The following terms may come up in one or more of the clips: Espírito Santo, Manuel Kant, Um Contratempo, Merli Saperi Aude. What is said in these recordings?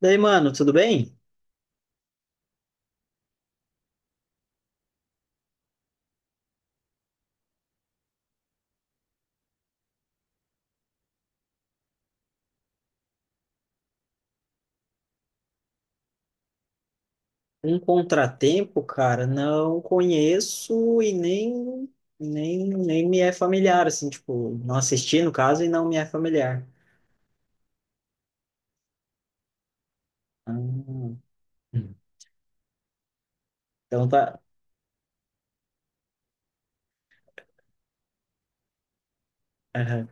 Daí, mano, tudo bem? Um contratempo, cara, não conheço e nem me é familiar, assim, tipo, não assisti no caso e não me é familiar. Ah, então tá. Aham.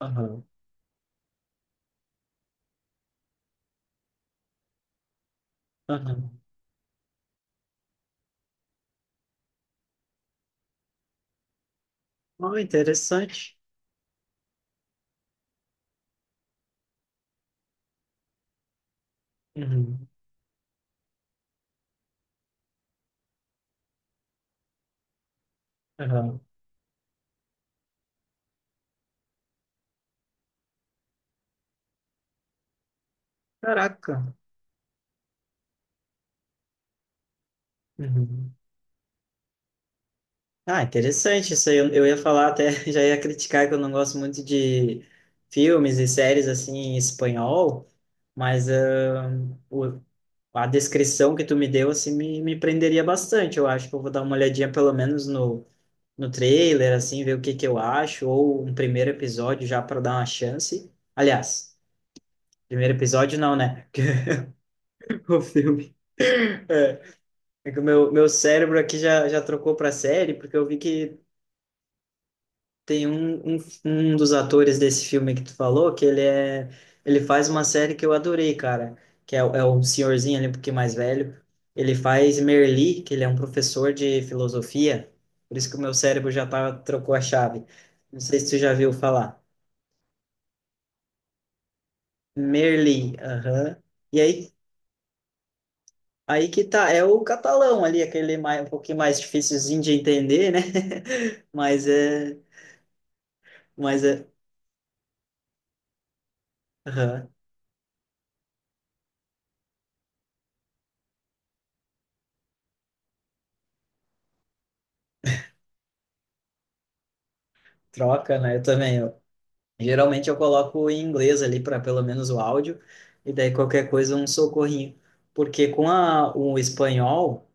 Aham. Aham. Oh, interessante. Uhum. Aham. Caraca. Uhum. Ah, interessante isso aí. Eu ia falar até, já ia criticar que eu não gosto muito de filmes e séries assim em espanhol, mas ah, o, a descrição que tu me deu, assim, me prenderia bastante. Eu acho que eu vou dar uma olhadinha pelo menos no trailer, assim, ver o que que eu acho, ou um primeiro episódio já para dar uma chance. Aliás, primeiro episódio não, né? Porque o filme. É é que o meu cérebro aqui já trocou para série, porque eu vi que tem um dos atores desse filme que tu falou, que ele é, ele faz uma série que eu adorei, cara, que é, é o senhorzinho ali, um pouquinho mais velho. Ele faz Merli, que ele é um professor de filosofia, por isso que o meu cérebro já tá, trocou a chave. Não sei se tu já viu falar. Merli, aham. E aí, aí que tá, é o catalão ali, aquele mais, um pouquinho mais dificilzinho de entender, né? Mas é, mas é, aham. Troca, né? Eu também. Geralmente eu coloco em inglês ali para pelo menos o áudio, e daí qualquer coisa um socorrinho. Porque com o espanhol,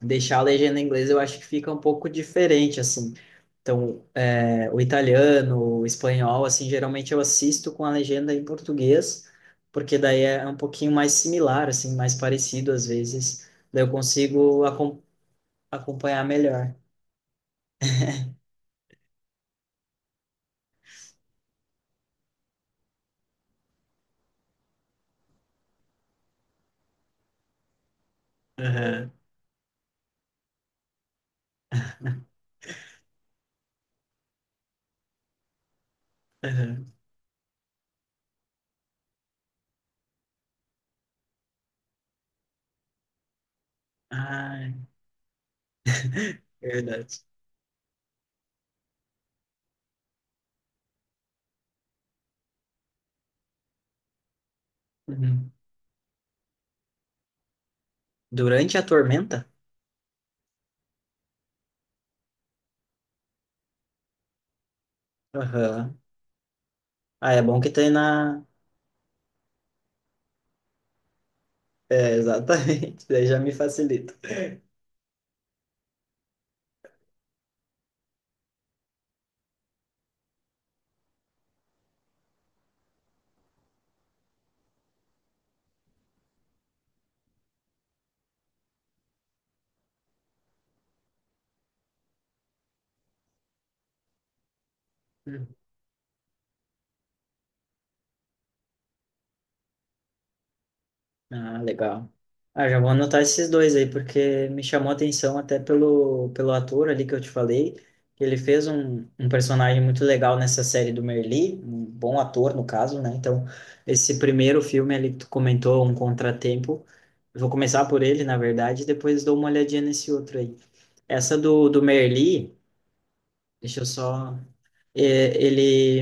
deixar a legenda em inglês eu acho que fica um pouco diferente, assim. Então, é, o italiano, o espanhol, assim, geralmente eu assisto com a legenda em português, porque daí é um pouquinho mais similar, assim, mais parecido às vezes. Daí eu consigo acompanhar melhor. Aham, aham. Ah, verdade. Uhum. Durante a tormenta? Aham. Ah, é bom que tem na. É, exatamente. Daí já me facilita. Hum. Ah, legal. Ah, já vou anotar esses dois aí, porque me chamou a atenção até pelo ator ali que eu te falei. Ele fez um personagem muito legal nessa série do Merli, um bom ator no caso, né? Então, esse primeiro filme ali que tu comentou, Um Contratempo, eu vou começar por ele, na verdade, e depois dou uma olhadinha nesse outro aí. Essa do Merli, deixa eu só é, ele,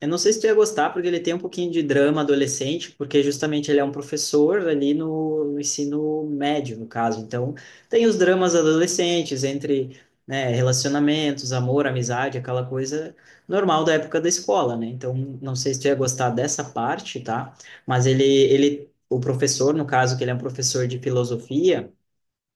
eu não sei se tu ia gostar, porque ele tem um pouquinho de drama adolescente, porque justamente ele é um professor ali no ensino médio, no caso. Então, tem os dramas adolescentes entre, né, relacionamentos, amor, amizade, aquela coisa normal da época da escola, né? Então, não sei se tu ia gostar dessa parte, tá? Mas ele, o professor, no caso, que ele é um professor de filosofia.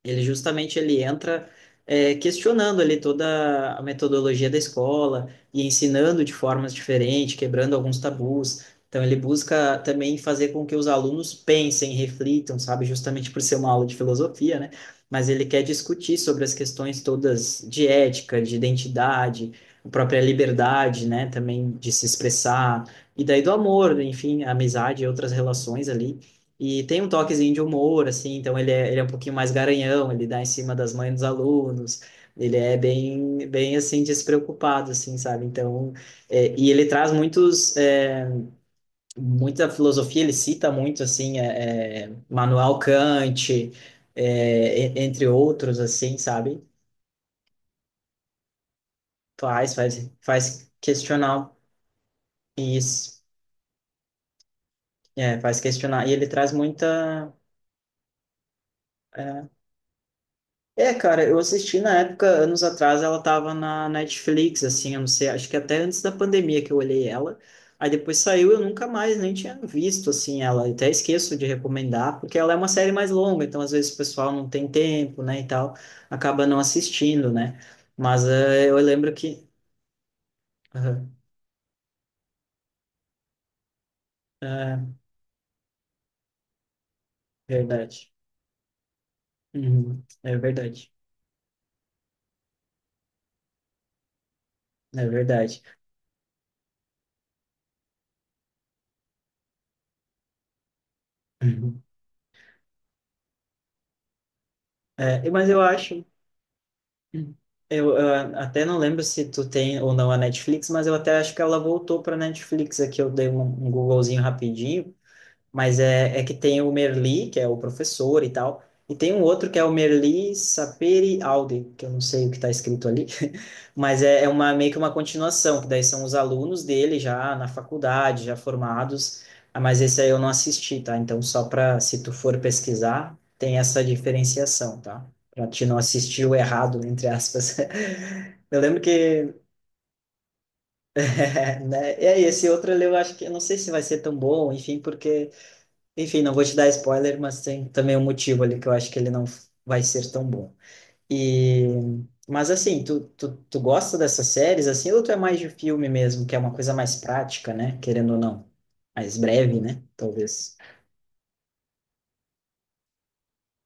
Ele justamente ele entra questionando ali toda a metodologia da escola e ensinando de formas diferentes, quebrando alguns tabus. Então ele busca também fazer com que os alunos pensem, reflitam, sabe, justamente por ser uma aula de filosofia, né? Mas ele quer discutir sobre as questões todas de ética, de identidade, a própria liberdade, né, também de se expressar, e daí do amor, enfim, amizade e outras relações ali. E tem um toquezinho de humor, assim, então ele ele é um pouquinho mais garanhão, ele dá em cima das mães dos alunos, ele é bem, bem assim, despreocupado, assim, sabe? Então, é, e ele traz muitos, muita filosofia, ele cita muito, assim, Manuel Kant, entre outros, assim, sabe? Faz questionar isso, é, faz questionar, e ele traz muita é, é, cara, eu assisti na época, anos atrás, ela tava na Netflix, assim, eu não sei, acho que até antes da pandemia que eu olhei ela. Aí depois saiu, eu nunca mais nem tinha visto, assim, ela. Eu até esqueço de recomendar, porque ela é uma série mais longa, então às vezes o pessoal não tem tempo, né, e tal, acaba não assistindo, né? Mas eh, eu lembro que. Aham, é verdade. Uhum, é verdade. É verdade. Uhum. É, e- mas eu acho. Eu até não lembro se tu tem ou não a Netflix, mas eu até acho que ela voltou para Netflix aqui. Eu dei um Googlezinho rapidinho. Mas é, é que tem o Merli, que é o professor e tal, e tem um outro que é o Merli Saperi Aude, que eu não sei o que está escrito ali, mas é, é uma, meio que uma continuação, que daí são os alunos dele já na faculdade, já formados, ah, mas esse aí eu não assisti, tá? Então, só para, se tu for pesquisar, tem essa diferenciação, tá? Para te não assistir o errado, entre aspas. Eu lembro que, né, e aí, esse outro eu acho que, eu não sei se vai ser tão bom, enfim, porque enfim, não vou te dar spoiler, mas tem também um motivo ali que eu acho que ele não vai ser tão bom. E mas assim, tu gosta dessas séries assim ou tu é mais de filme mesmo, que é uma coisa mais prática, né? Querendo ou não, mais breve, né? Talvez.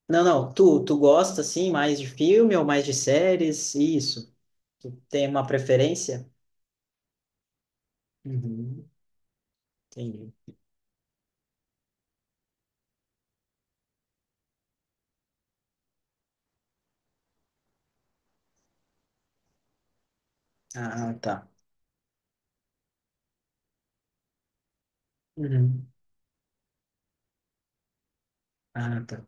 Não, não, tu gosta assim mais de filme ou mais de séries? Isso. Tu tem uma preferência? Uhum, entendi. Ah, tá. Uhum. Ah, tá.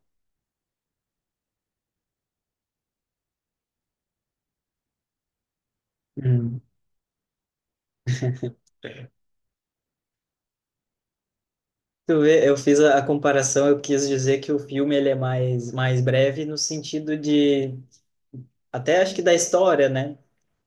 Uhum. Tu vê, eu fiz a comparação, eu quis dizer que o filme ele é mais, mais breve no sentido de, até acho que da história, né?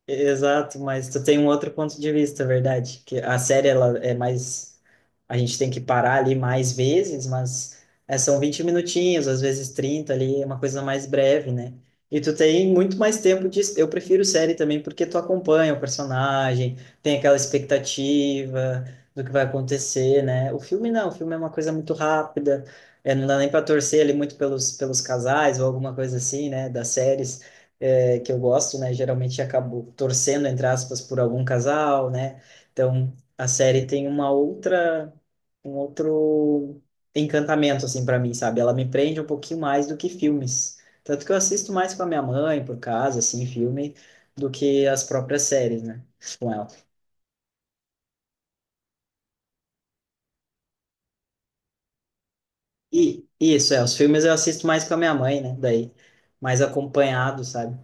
Exato, mas tu tem um outro ponto de vista, verdade? Que a série ela é mais a gente tem que parar ali mais vezes, mas é, são 20 minutinhos, às vezes 30 ali, é uma coisa mais breve, né? E tu tem muito mais tempo de eu prefiro série também porque tu acompanha o personagem, tem aquela expectativa do que vai acontecer, né? O filme não, o filme é uma coisa muito rápida, é, não dá nem para torcer ali muito pelos pelos casais ou alguma coisa assim, né, das séries é, que eu gosto, né? Geralmente acabo torcendo, entre aspas, por algum casal, né? Então, a série tem uma outra, um outro encantamento, assim, para mim, sabe? Ela me prende um pouquinho mais do que filmes. Tanto que eu assisto mais com a minha mãe, por casa, assim, filme, do que as próprias séries, né? Com ela. E isso, é, os filmes eu assisto mais com a minha mãe, né? Daí, mais acompanhado, sabe?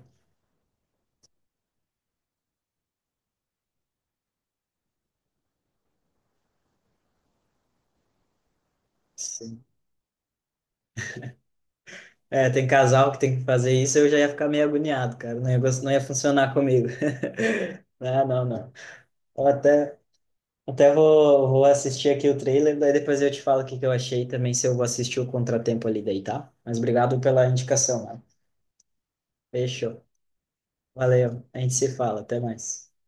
É, tem casal que tem que fazer isso, eu já ia ficar meio agoniado, cara. O negócio não ia funcionar comigo. Não, não, não. Eu até, até vou, vou assistir aqui o trailer, daí depois eu te falo o que que eu achei também, se eu vou assistir o Contratempo ali daí, tá? Mas obrigado pela indicação, mano. Fechou. Valeu. A gente se fala. Até mais.